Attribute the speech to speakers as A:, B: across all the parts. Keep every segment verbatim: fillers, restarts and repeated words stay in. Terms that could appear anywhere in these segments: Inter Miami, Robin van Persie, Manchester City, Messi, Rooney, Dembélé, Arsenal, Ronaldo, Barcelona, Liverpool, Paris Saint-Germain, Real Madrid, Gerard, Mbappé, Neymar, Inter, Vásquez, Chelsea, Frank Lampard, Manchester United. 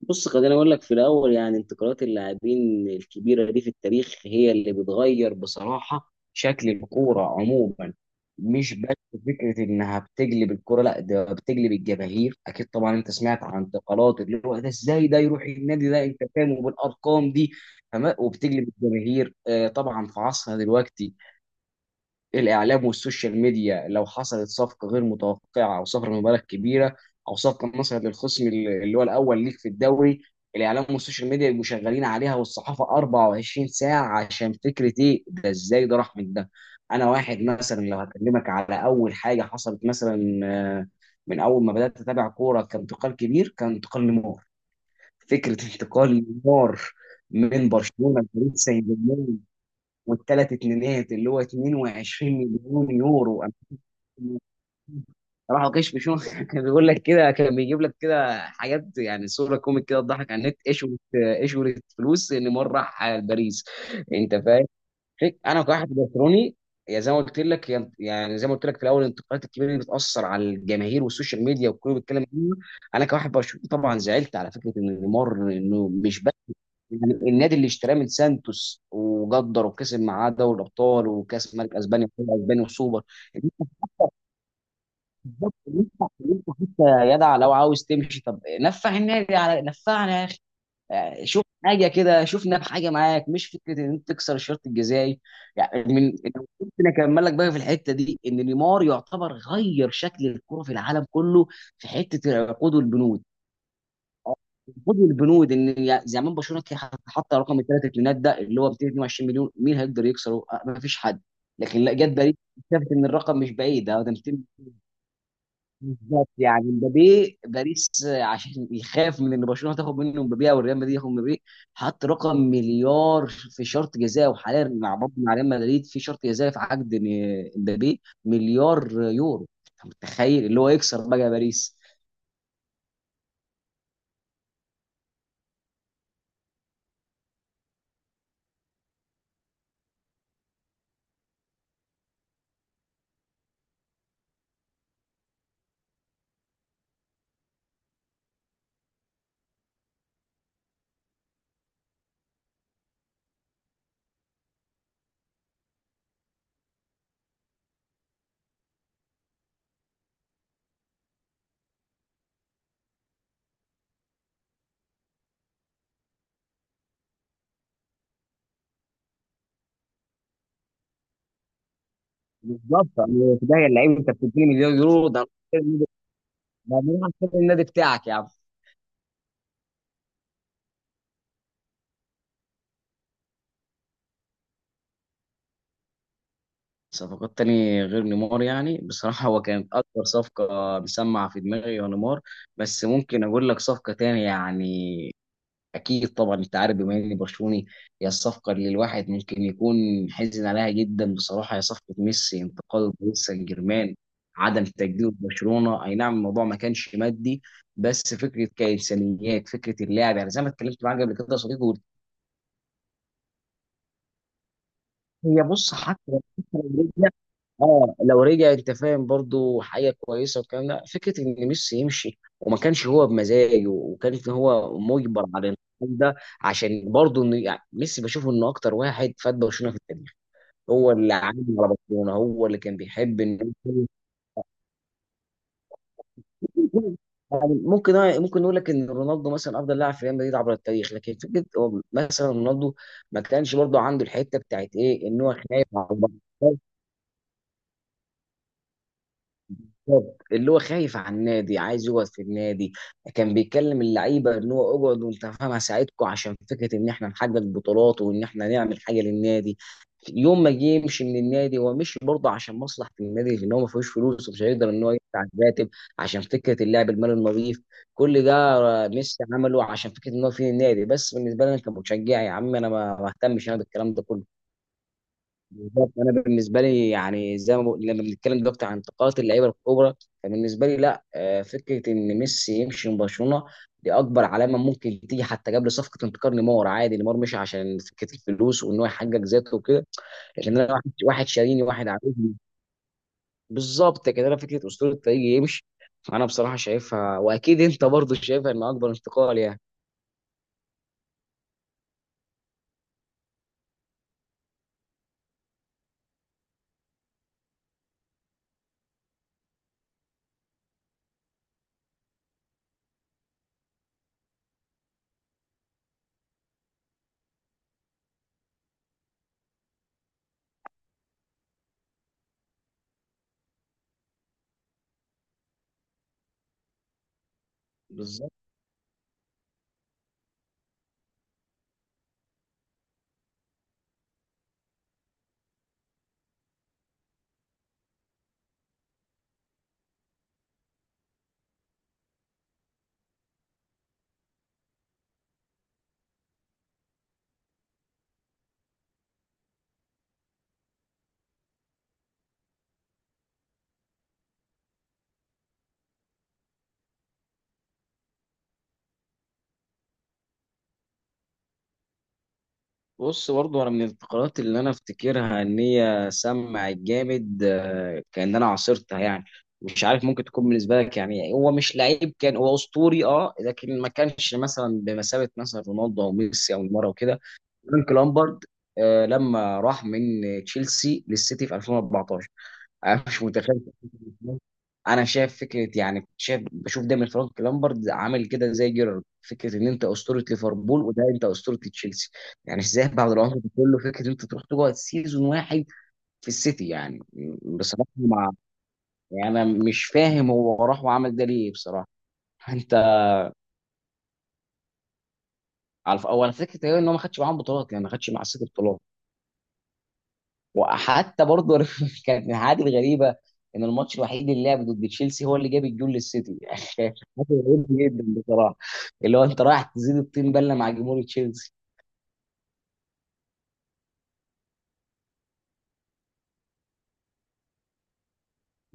A: بص خليني اقول لك في الاول. يعني انتقالات اللاعبين الكبيره دي في التاريخ هي اللي بتغير بصراحه شكل الكوره عموما، مش بس فكره انها بتقلب الكوره، لا ده بتقلب الجماهير. اكيد طبعا انت سمعت عن انتقالات اللي هو ده ازاي ده يروح النادي ده، انت فاهم، وبالارقام دي. فما- وبتقلب الجماهير. آه، طبعا في عصرنا دلوقتي الاعلام والسوشيال ميديا لو حصلت صفقه غير متوقعه او صفقه بمبالغ كبيره او صفقه مثلا للخصم اللي اللي هو الاول ليك في الدوري، الاعلام والسوشيال ميديا يبقوا شغالين عليها والصحافه اربعه وعشرين ساعه، عشان فكره ايه ده ازاي ده راح من ده. انا واحد مثلا لو هكلمك على اول حاجه حصلت مثلا، آه، من اول ما بدات اتابع كوره كانتقال كبير، كان انتقال نيمار. فكره انتقال نيمار من برشلونه لباريس سان جيرمان، والثلاث اتنينات اللي هو اتنين وعشرين مليون يورو. أنا راحوا كشفوا شو كان بيقول لك كده، كان بيجيب لك كده حاجات، يعني صوره كوميك كده تضحك على النت. ايش قلت- ايش قلت فلوس ان مره راح باريس، انت فاهم. فك- انا كواحد برشلوني، يا زي ما قلت لك يا- يعني زي ما قلت لك في الاول، الانتقادات الكبيره اللي بتاثر على الجماهير والسوشيال ميديا والكل بيتكلم عنها. انا كواحد برشلوني طبعا زعلت، على فكره ان نيمار انه مش، يعني النادي اللي اشتراه من سانتوس وقدر وكسب معاه دوري الابطال وكاس ملك اسبانيا وكاس اسبانيا وسوبر. إن انت، بالظبط، إن انت إن انت حتى، يا جدع لو عاوز تمشي طب نفع النادي على نفعنا يا اخي. آه، شوف حاجه كده، شوفنا بحاجه معاك، مش فكره ان انت تكسر الشرط الجزائي. يعني من ممكن اكمل لك بقى في الحته دي، ان نيمار يعتبر غير شكل الكره في العالم كله، في حته العقود والبنود. آه، خد البنود، ان يا- زمان برشلونه كان حط حط رقم الثلاث اتنينات ده اللي هو ميتين واتنين وعشرين مليون، مين هيقدر يكسره؟ آه، ما فيش حد. لكن لا، جت باريس شافت ان الرقم مش بعيد، ده ده ميتين. بالظبط، يعني مبابي باريس، آه، عشان يخاف من ان برشلونه تاخد منه مبابي او ريال مدريد ياخد مبابي، حط رقم مليار في شرط جزاء. وحاليا مع برضه مع ريال مدريد في شرط جزاء في عقد م- مبابي مليار يورو. انت متخيل اللي هو يكسر بقى باريس؟ بالظبط، يعني في ده اللعيب انت بتديني مليار يورو ده بعدين عشان النادي بتاعك يا عم. صفقات تاني غير نيمار، يعني بصراحة هو كانت أكبر صفقة مسمعة في دماغي هو نيمار، بس ممكن أقول لك صفقة تاني. يعني أكيد طبعا أنت عارف بما إني برشلوني، هي الصفقة اللي الواحد ممكن يكون حزن عليها جدا بصراحة، هي صفقة ميسي انتقال باريس سان جيرمان، عدم تجديد برشلونة. أي نعم، الموضوع ما كانش مادي، بس فكرة كإنسانيات، فكرة اللاعب، يعني زي ما اتكلمت معاك قبل كده يا صديقي. هي بص حتى، اه لو رجع انت فاهم برضو حاجه كويسه، والكلام ده فكره ان ميسي يمشي وما كانش هو بمزاجه، وكانت ان هو مجبر على الانتقال ده، عشان برضو ان يعني ميسي بشوفه انه اكتر واحد فات برشلونه في التاريخ. هو اللي عامل على برشلونه، هو اللي كان بيحب ان يعني ممكن، ممكن نقول لك ان رونالدو مثلا افضل لاعب في ريال مدريد عبر التاريخ، لكن فكره هو مثلا رونالدو ما كانش برضو عنده الحته بتاعت ايه، ان هو خايف على البطل. بالظبط، اللي هو خايف على النادي، عايز يقعد في النادي، كان بيكلم اللعيبه ان هو اقعد وانت فاهم هساعدكم، عشان فكره ان احنا نحقق بطولات وان احنا نعمل حاجه للنادي. يوم ما جه يمشي من النادي، هو مشي برضه عشان مصلحه النادي، لان هو ما فيهوش فلوس ومش هيقدر ان هو يدفع الراتب عشان فكره اللعب المالي النظيف. كل ده ميسي عمله عشان فكره ان هو في النادي، بس بالنسبه لي انا كمشجع يا عم، انا ما ما اهتمش انا بالكلام ده كله. بالظبط، انا بالنسبه لي يعني زي ما بقول- لما بنتكلم دلوقتي عن انتقالات اللعيبه الكبرى، فبالنسبه لي لا، آه، فكره ان ميسي يمشي من برشلونه دي اكبر علامه ممكن تيجي، حتى قبل صفقه انتقال نيمار. عادي، نيمار مشي عشان فكره الفلوس وان هو يحقق ذاته وكده، لكن انا واحد، واحد شاريني واحد عاوزني. بالظبط كده، انا فكره اسطوره الفريق يمشي، انا بصراحه شايفها واكيد انت برضو شايفها ان اكبر انتقال يعني. بالظبط، بص برضه انا من الفقرات اللي انا افتكرها ان هي سمعت جامد، آه، كان انا عاصرتها، يعني مش عارف ممكن تكون بالنسبه لك يعني هو مش لعيب، كان هو اسطوري اه، لكن ما كانش مثلا بمثابه مثلا رونالدو او ميسي او نيمار وكده. فرانك لامبارد، آه، لما راح من تشيلسي للسيتي في الفين واربعتاشر. انا مش متخيل، انا شايف فكره، يعني شايف بشوف دايما فرانك لامبرد عامل كده زي جيرارد، فكره ان انت اسطوره ليفربول وده انت اسطوره تشيلسي، يعني ازاي بعد العمر ده كله فكره ان انت تروح تقعد سيزون واحد في السيتي يعني. بصراحه مع، يعني انا مش فاهم هو راح وعمل ده ليه بصراحه. انت على اول فكره إيه ان هو ما خدش معاهم بطولات، يعني ما خدش مع السيتي بطولات. وحتى برضه كانت من الحاجات الغريبه، ان الماتش الوحيد اللي لعب ضد تشيلسي هو اللي جاب الجول للسيتي حاجه غريبه جدا بصراحه، اللي هو انت رايح تزيد الطين بله مع جمهور تشيلسي.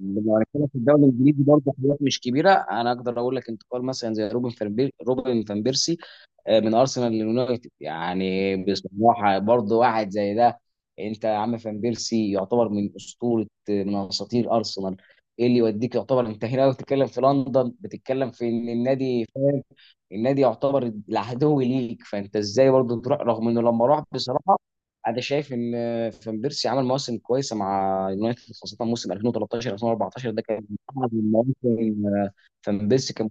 A: لو هنتكلم في الدوري الانجليزي برضه، حاجات مش كبيره انا اقدر اقول لك، انتقال مثلا زي روبن فان بير- روبن فان بيرسي، آه، من ارسنال لليونايتد. يعني بصراحه برضه واحد زي ده، انت يا عم فان بيرسي يعتبر من اسطوره من اساطير ارسنال، ايه اللي يوديك يعتبر، انت هنا لو بتتكلم في لندن بتتكلم في ان النادي فاهم النادي يعتبر العدو ليك، فانت ازاي برضه تروح؟ رغم انه لما راح بصراحه، انا شايف ان فان بيرسي عمل مواسم كويسه مع يونايتد، خاصه موسم الفين وتلتاشر الفين واربعتاشر ده كان احد المواسم. آه، فان بيرسي كان،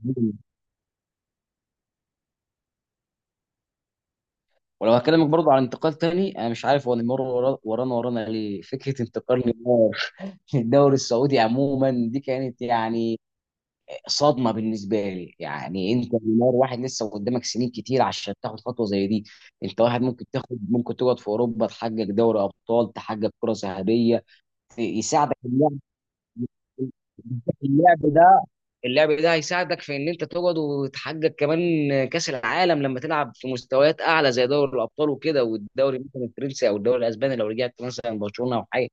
A: ولو هكلمك برضه عن انتقال تاني، انا مش عارف هو نيمار ورا- ورانا ورانا ليه، فكره انتقال نيمار الدوري السعودي عموما دي كانت يعني صدمه بالنسبه لي. يعني انت نيمار، واحد لسه قدامك سنين كتير عشان تاخد خطوه زي دي، انت واحد ممكن تاخد، ممكن تقعد في اوروبا تحقق دوري ابطال، تحقق كره ذهبيه، يساعدك اللاعب، اللاعب ده اللعب ده هيساعدك في ان انت تقعد وتحقق كمان كاس العالم، لما تلعب في مستويات اعلى زي دوري الابطال وكده، والدوري مثلا الفرنسي او الدوري الاسباني لو رجعت مثلا برشلونه او حاجه.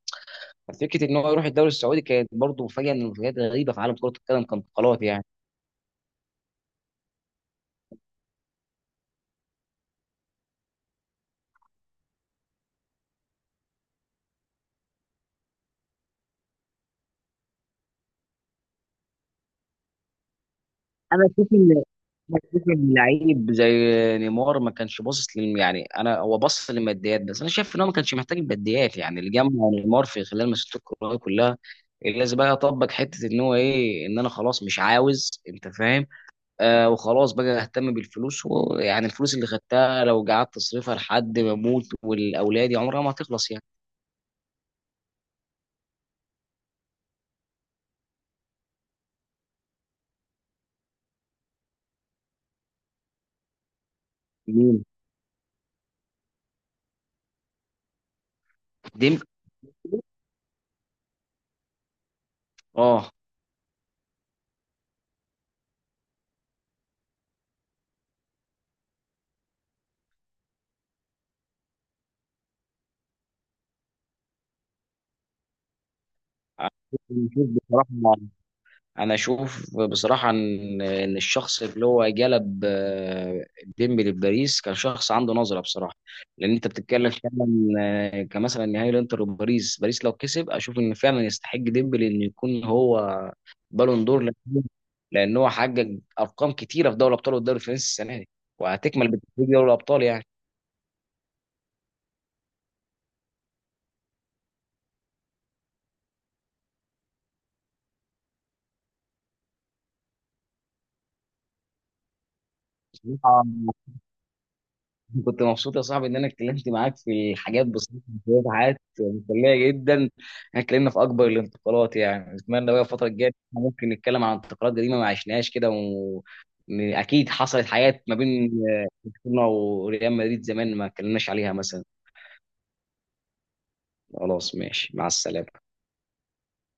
A: ففكره ان هو يروح الدوري السعودي كانت برضه مفاجاه من المفاجآت الغريبه في عالم كره القدم، كانتقالات يعني. انا اشوف ان انا اشوف ان لعيب زي نيمار ما كانش باصص لل، يعني انا هو باصص للماديات بس، انا شايف ان هو ما كانش محتاج الماديات. يعني اللي جمع نيمار في خلال مسيرته الكرويه كلها، اللي لازم بقى اطبق حته ان هو ايه، ان انا خلاص مش عاوز، انت فاهم، آه وخلاص بقى اهتم بالفلوس. ويعني الفلوس اللي خدتها لو قعدت تصرفها لحد ما اموت والاولاد، عمرها ما هتخلص يعني. مين؟ دي، اه. بنشوف بصراحة، انا اشوف بصراحه ان ان الشخص اللي هو جلب، آه، ديمبلي لباريس كان شخص عنده نظره بصراحه. لان انت بتتكلم فعلا، آه، كمثلا نهائي الانتر وباريس، باريس لو كسب اشوف ان فعلا يستحق ديمبلي ان يكون هو بالون دور. لأن- لان هو حقق ارقام كتيره في دوري الابطال والدوري الفرنسي السنه دي، وهتكمل بتتويج دوري الابطال يعني. كنت مبسوط يا صاحبي ان انا اتكلمت معاك في الحاجات بسيطه، شويه حاجات مسليه جدا، احنا اتكلمنا في اكبر الانتقالات. يعني اتمنى بقى الفتره الجايه إحنا ممكن نتكلم عن انتقالات قديمه ما عشناهاش كده، و... إن اكيد حصلت حاجات ما بين برشلونه وريال مدريد زمان ما اتكلمناش عليها مثلا. خلاص ماشي، مع السلامه.